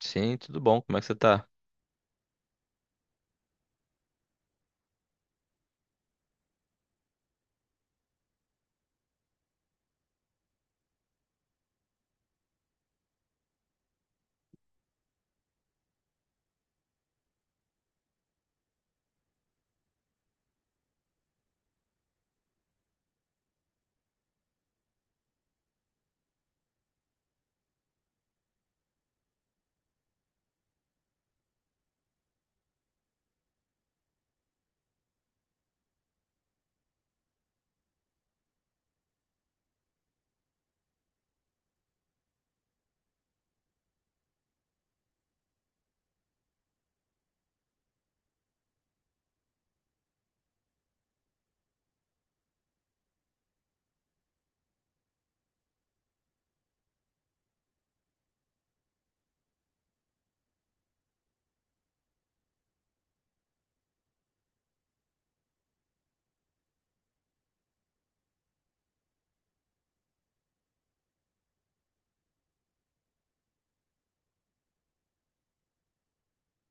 Sim, tudo bom? Como é que você tá?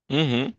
Uhum.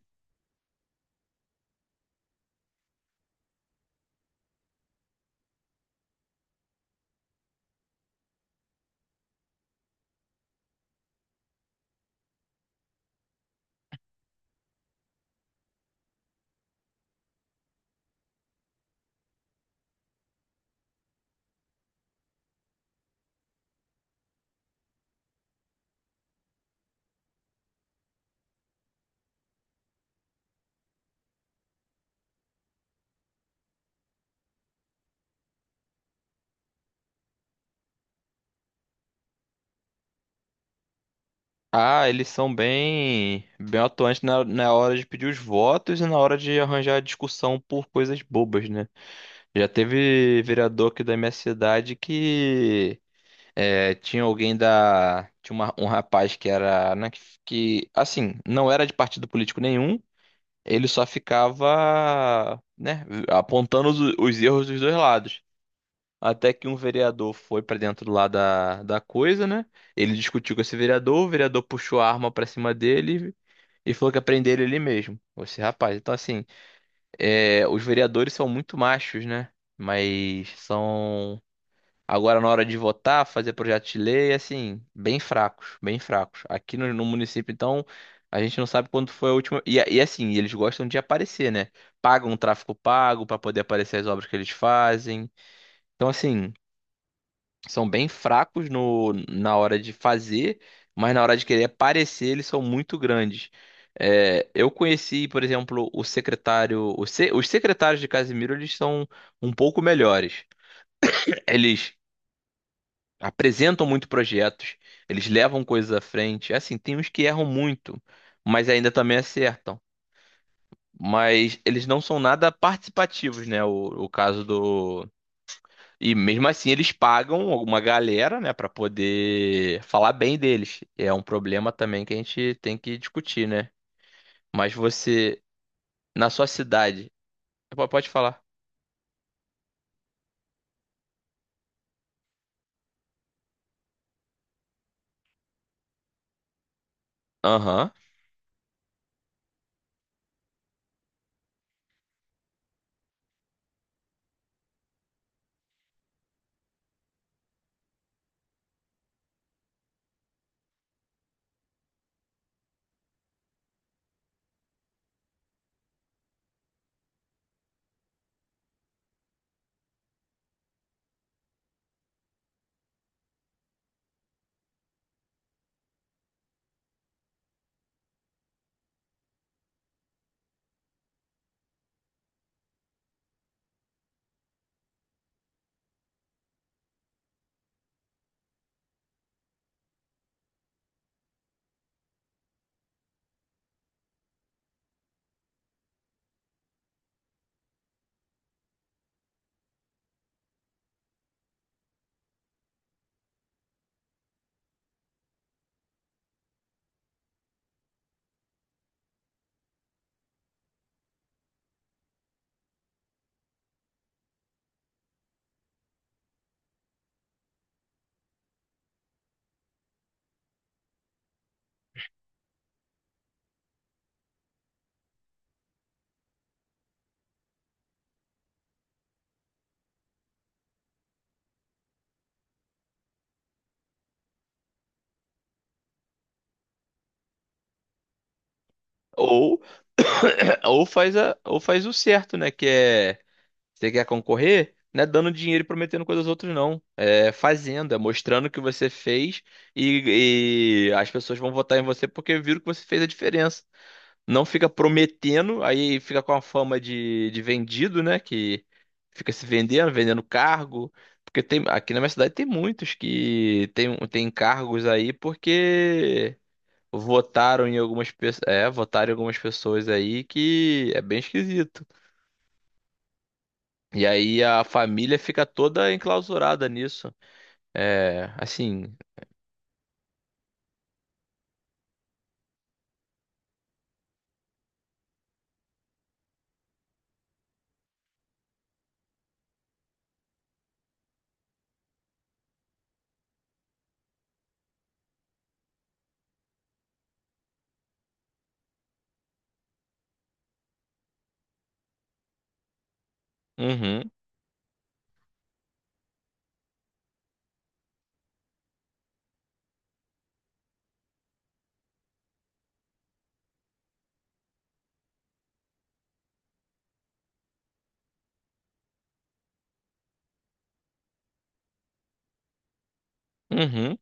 Ah, eles são bem atuantes na hora de pedir os votos e na hora de arranjar discussão por coisas bobas, né? Já teve vereador aqui da minha cidade que é, tinha alguém da. Tinha um rapaz que era, né, que, assim, não era de partido político nenhum, ele só ficava, né, apontando os erros dos dois lados. Até que um vereador foi pra dentro lá da coisa, né? Ele discutiu com esse vereador, o vereador puxou a arma pra cima dele e falou que ia prender ele mesmo. Esse rapaz. Então, assim, é, os vereadores são muito machos, né? Mas são, agora na hora de votar, fazer projeto de lei, assim, bem fracos, bem fracos. Aqui no município, então, a gente não sabe quando foi a última. E assim, eles gostam de aparecer, né? Pagam um tráfico pago pra poder aparecer as obras que eles fazem. Então, assim são bem fracos no, na hora de fazer, mas na hora de querer aparecer, eles são muito grandes. É, eu conheci, por exemplo, o secretário. O se- os secretários de Casimiro, eles são um pouco melhores. Eles apresentam muito projetos, eles levam coisas à frente. Assim, tem uns que erram muito, mas ainda também acertam. Mas eles não são nada participativos, né? O caso. E mesmo assim eles pagam uma galera, né, pra poder falar bem deles. É um problema também que a gente tem que discutir, né? Mas você, na sua cidade, pode falar. Aham. Ou ou faz o certo, né, que é você quer concorrer, não é dando dinheiro e prometendo coisas aos outros não. É fazendo, é mostrando o que você fez e as pessoas vão votar em você porque viram que você fez a diferença. Não fica prometendo, aí fica com a fama de vendido, né? Que fica se vendendo, vendendo cargo. Porque tem, aqui na minha cidade tem muitos que tem cargos aí porque votaram em algumas pessoas, é, votaram em algumas pessoas aí que é bem esquisito. E aí a família fica toda enclausurada nisso. É, assim, uhum, uhum,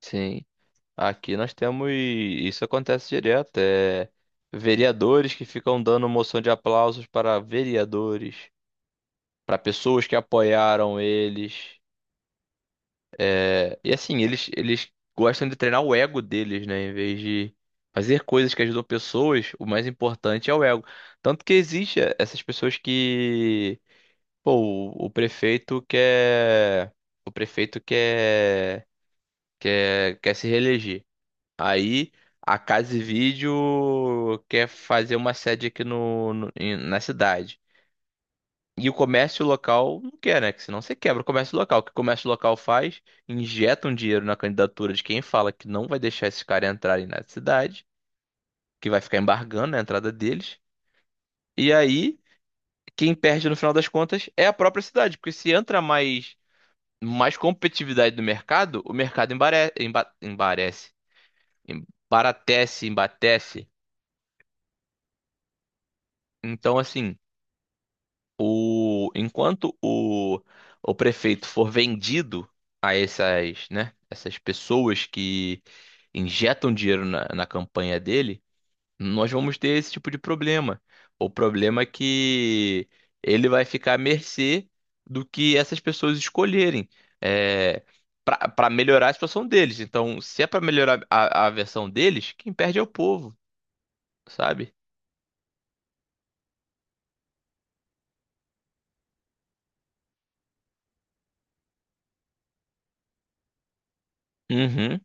sim. Aqui nós temos, isso acontece direto, é vereadores que ficam dando moção de aplausos para vereadores, para pessoas que apoiaram eles. É, e assim, eles gostam de treinar o ego deles, né? Em vez de fazer coisas que ajudam pessoas, o mais importante é o ego. Tanto que existe essas pessoas que, pô, o prefeito quer, quer se reeleger. Aí a Casa e Vídeo quer fazer uma sede aqui na cidade. E o comércio local não quer, né? Que senão você quebra o comércio local. O que o comércio local faz? Injeta um dinheiro na candidatura de quem fala que não vai deixar esses caras entrarem na cidade, que vai ficar embargando a entrada deles. E aí, quem perde no final das contas é a própria cidade, porque se entra mais, mais competitividade no mercado, o mercado embarece, embaratece, embatece. Então, assim. Enquanto o prefeito for vendido a essas, né, essas pessoas que injetam dinheiro na campanha dele, nós vamos ter esse tipo de problema. O problema é que ele vai ficar à mercê do que essas pessoas escolherem é, para melhorar a situação deles. Então, se é para melhorar a versão deles, quem perde é o povo, sabe? Uhum.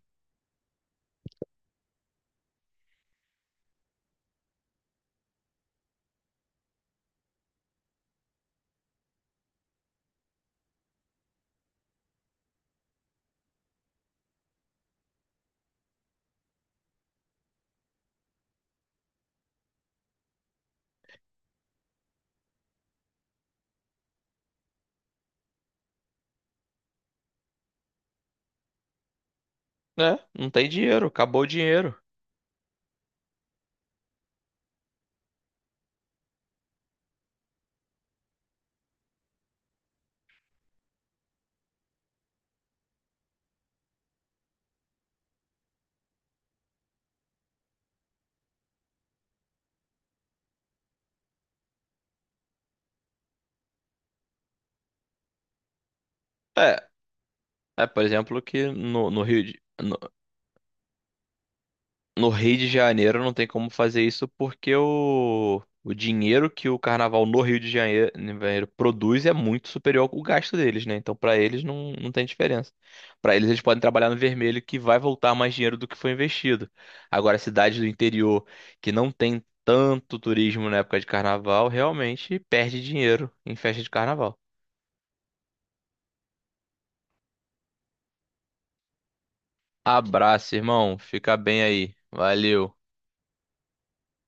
É, não tem dinheiro, acabou o dinheiro. É, É, por exemplo, que no Rio de Janeiro não tem como fazer isso porque o dinheiro que o carnaval no Rio de Janeiro produz é muito superior ao gasto deles, né? Então, pra eles não, não tem diferença. Pra eles, eles podem trabalhar no vermelho que vai voltar mais dinheiro do que foi investido. Agora, cidades do interior que não tem tanto turismo na época de carnaval, realmente perde dinheiro em festa de carnaval. Abraço, irmão. Fica bem aí. Valeu.